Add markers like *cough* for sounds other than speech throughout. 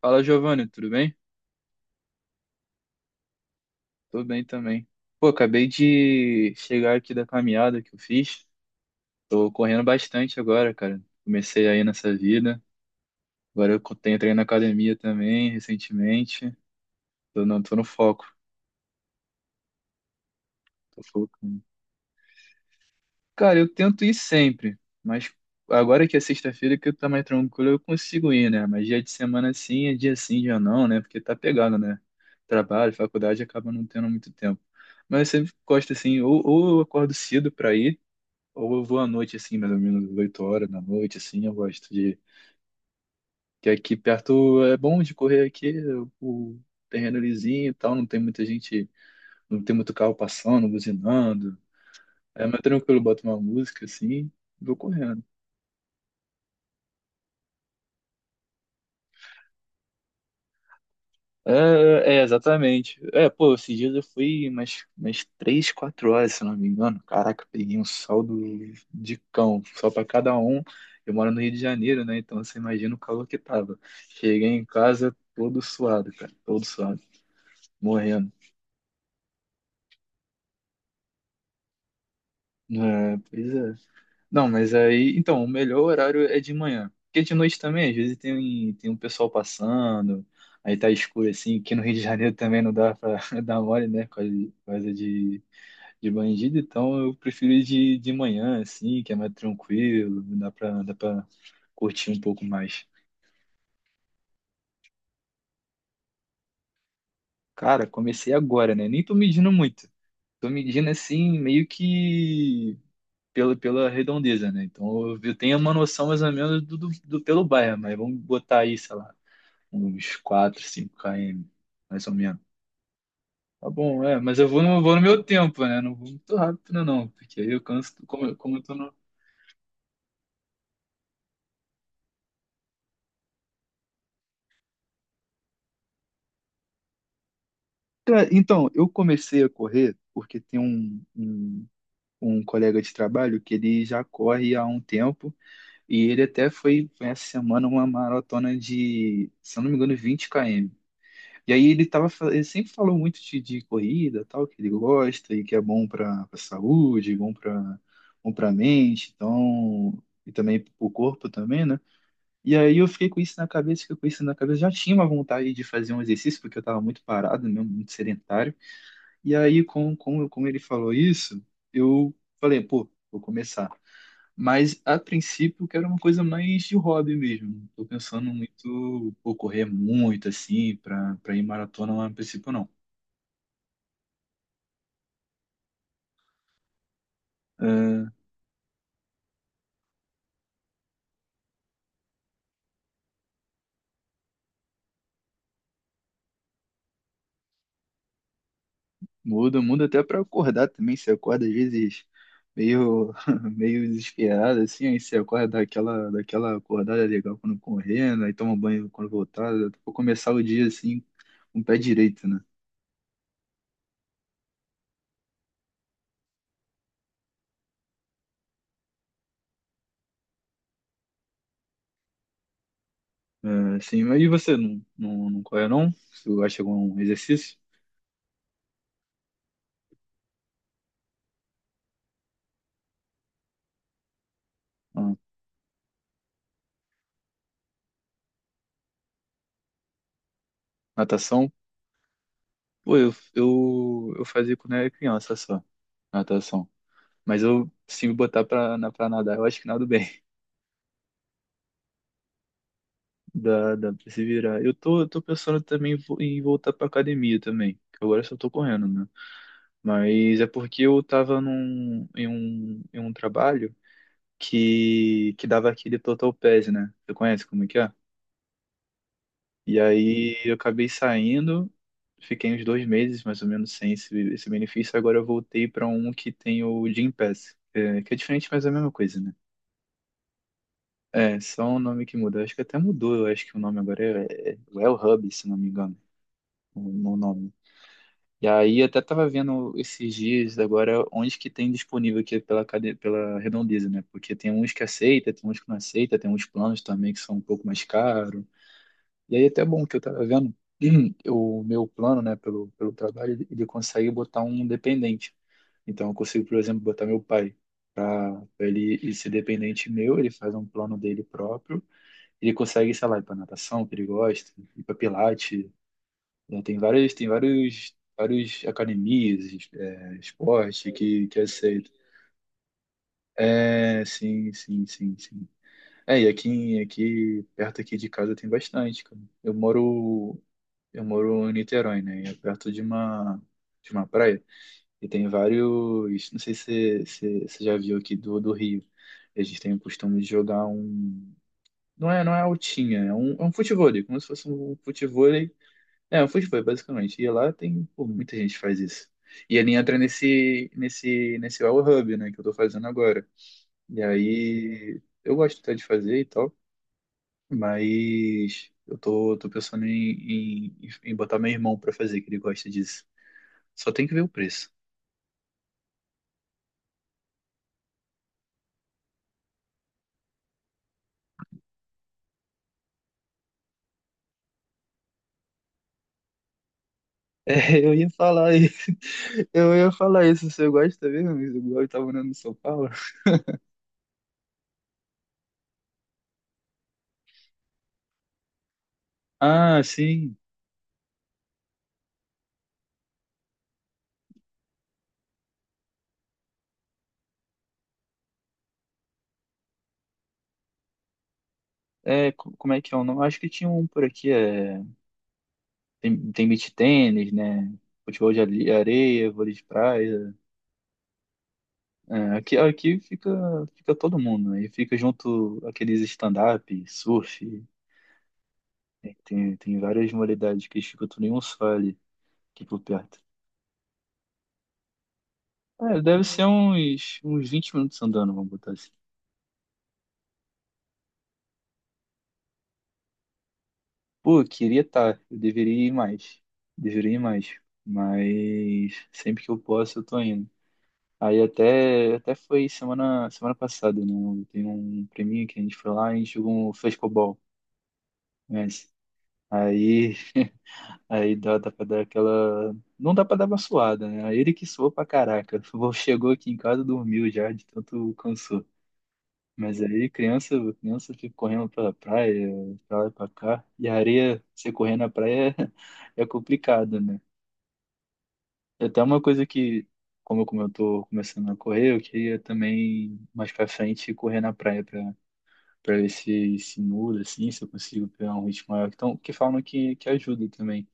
Fala, Giovanni, tudo bem? Tô bem também. Pô, acabei de chegar aqui da caminhada que eu fiz. Tô correndo bastante agora, cara. Comecei aí nessa vida. Agora tenho treino na academia também, recentemente. Tô, não, tô no foco. Tô focando. Cara, eu tento ir sempre, mas agora que é sexta-feira que eu tô mais tranquilo, eu consigo ir, né? Mas dia de semana sim, é dia sim, dia não, né? Porque tá pegado, né? Trabalho, faculdade, acaba não tendo muito tempo. Mas eu sempre gosto assim, ou eu acordo cedo pra ir. Ou eu vou à noite, assim, mais ou menos 8 horas da noite, assim, eu gosto de. Que aqui perto é bom de correr aqui, o terreno é lisinho e tal, não tem muita gente, não tem muito carro passando, buzinando. É mais tranquilo, boto uma música assim, e vou correndo. É, é, é, exatamente. É, pô, esses dias eu fui umas 3 4 horas, se não me engano. Caraca, eu peguei um saldo de cão, só pra cada um. Eu moro no Rio de Janeiro, né? Então você imagina o calor que tava. Cheguei em casa todo suado, cara, todo suado, morrendo. É, pois é. Não, mas aí, então, o melhor horário é de manhã. Porque de noite também, às vezes tem um pessoal passando, aí tá escuro assim, que no Rio de Janeiro também não dá pra *laughs* dar mole, né? Coisa de bandido, então eu prefiro ir de manhã, assim, que é mais tranquilo, dá pra curtir um pouco mais. Cara, comecei agora, né? Nem tô medindo muito. Tô medindo assim, meio que pela redondeza, né? Então eu tenho uma noção mais ou menos pelo bairro, mas vamos botar aí, sei lá, uns 4 5 km, mais ou menos. Tá bom, é, mas eu vou no meu tempo, né? Não vou muito rápido, não, porque aí eu canso, como eu tô no. Cara, então, eu comecei a correr porque tem um colega de trabalho que ele já corre há um tempo e ele até foi essa semana uma maratona de, se eu não me engano, 20 km. E aí ele tava, ele sempre falou muito de corrida, tal, que ele gosta e que é bom para a saúde, bom para bom para mente, então, e também para o corpo também, né? E aí eu fiquei com isso na cabeça, fiquei com isso na cabeça, já tinha uma vontade de fazer um exercício porque eu estava muito parado, né, muito sedentário. E aí, como ele falou isso, eu falei, pô, vou começar. Mas, a princípio, eu quero uma coisa mais de hobby mesmo. Tô pensando muito, pô, correr muito, assim, pra, pra ir maratona, mas a princípio não. Ah, muda até pra acordar também. Você acorda, às vezes, meio, *laughs* meio desesperado, assim, aí você acorda daquela acordada legal quando correndo, aí toma banho quando voltar. Eu vou começar o dia, assim, com o pé direito, né? É, sim, mas e você não corre não? Você acha algum exercício? Ah, natação? Pô, eu fazia quando era criança só, natação. Mas eu, se me botar pra nadar, eu acho que nado bem. *laughs* Dá pra se virar. Eu tô pensando também em voltar pra academia também. Que agora eu só tô correndo, né? Mas é porque eu tava em um trabalho que dava aquele total pass, né? Você conhece como é que é? E aí eu acabei saindo, fiquei uns 2 meses mais ou menos sem esse benefício. Agora eu voltei para um que tem o Gym Pass, que é diferente, mas é a mesma coisa, né? É, só o nome que muda. Acho que até mudou, eu acho que o nome agora é Well Hub, se não me engano, o, o nome. E aí até tava vendo esses dias agora onde que tem disponível aqui pela, pela redondeza, né? Porque tem uns que aceita, tem uns que não aceita, tem uns planos também que são um pouco mais caros. E aí é até bom que eu tava vendo, *clears throat* o meu plano, né, pelo trabalho, ele consegue botar um dependente. Então eu consigo, por exemplo, botar meu pai para ele ir ser dependente meu, ele faz um plano dele próprio, ele consegue, sei lá, ir para natação, que ele gosta, ir para pilates, né, tem várias, tem vários academias, esporte que aceita. É, sim, sim, sim, sim. É, e perto aqui de casa tem bastante, cara. Eu moro em Niterói, né? E é perto de uma praia. E tem vários, não sei se você já viu aqui do Rio. A gente tem o costume de jogar um, não é altinha, é um futevôlei, como se fosse um futevôlei. É, um futevôlei, basicamente. E lá tem, pô, muita gente faz isso. E ele entra nesse Well Hub, né, que eu tô fazendo agora. E aí, eu gosto até de fazer e tal. Mas eu tô, tô pensando em botar meu irmão pra fazer, que ele gosta disso. Só tem que ver o preço. *laughs* É, eu ia falar isso. *laughs* Eu ia falar isso. Você gosta mesmo? Igual eu tava morando em São Paulo. Ah, sim. É, como é que é o nome? Acho que tinha um por aqui. É... Tem, tem beach tênis, né? Futebol de areia, vôlei de praia. É, aqui fica, todo mundo. Aí fica junto aqueles stand-up, surf. Tem, tem, tem várias modalidades que eles ficam tudo em um só ali, aqui por perto. É, deve ser uns 20 minutos andando, vamos botar assim. Pô, eu queria estar, eu deveria ir mais. Deveria ir mais. Mas sempre que eu posso, eu tô indo. Aí até foi semana passada, né? Tem um prêmio que a gente foi lá e a gente jogou um frescobol, conhece? Aí, aí dá pra dar aquela. Não dá pra dar uma suada, né? Ele que suou pra caraca. Chegou aqui em casa, dormiu já, de tanto cansou. Mas aí criança fica correndo pela praia, pra lá e pra cá. E a areia, você correr na praia *laughs* é, é complicado, né? É até uma coisa que, como eu, tô começando a correr, eu queria também mais pra frente correr na praia pra, pra ver se, muda, assim, se eu consigo pegar um ritmo maior. Então, que falam que ajuda também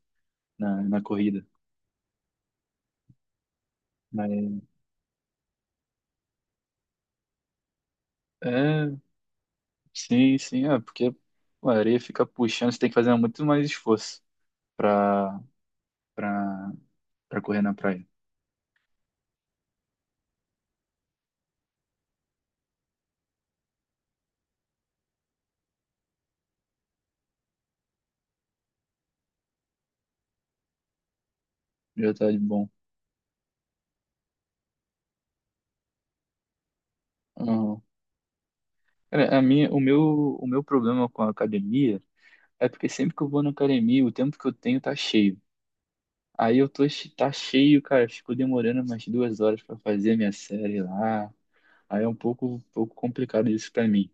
na corrida. Mas, é, sim, sim, é, porque pô, a areia fica puxando, você tem que fazer muito mais esforço pra, pra, pra correr na praia. Já tá de bom. Aham. Cara, a minha, o meu problema com a academia é porque sempre que eu vou na academia, o tempo que eu tenho tá cheio. Aí eu tô, tá cheio, cara, fico demorando umas 2 horas pra fazer minha série lá. Aí é um pouco complicado isso pra mim.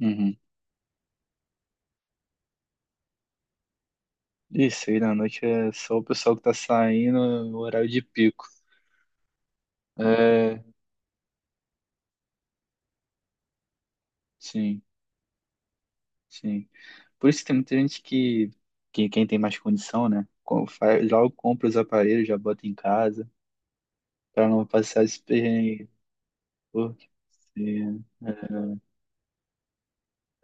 Uhum. Isso, aí na noite é só o pessoal que tá saindo no horário de pico. É, sim, sim. Por isso que tem muita gente que quem tem mais condição, né? Logo compra os aparelhos, já bota em casa, para não passar esse perrengue. Porque, sim,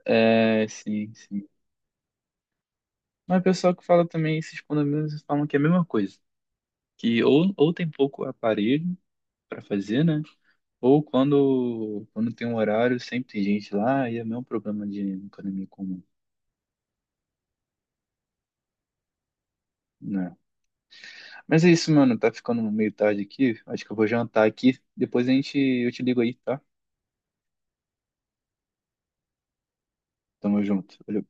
é, é, sim, sim. Mas o pessoal que fala também, esses condomínios falam que é a mesma coisa. Que ou tem pouco aparelho para fazer, né? Ou quando tem um horário, sempre tem gente lá e é o mesmo problema de economia comum. Né? Mas é isso, mano. Tá ficando meio tarde aqui. Acho que eu vou jantar aqui. Depois a gente, eu te ligo aí, tá? Tamo junto. Valeu.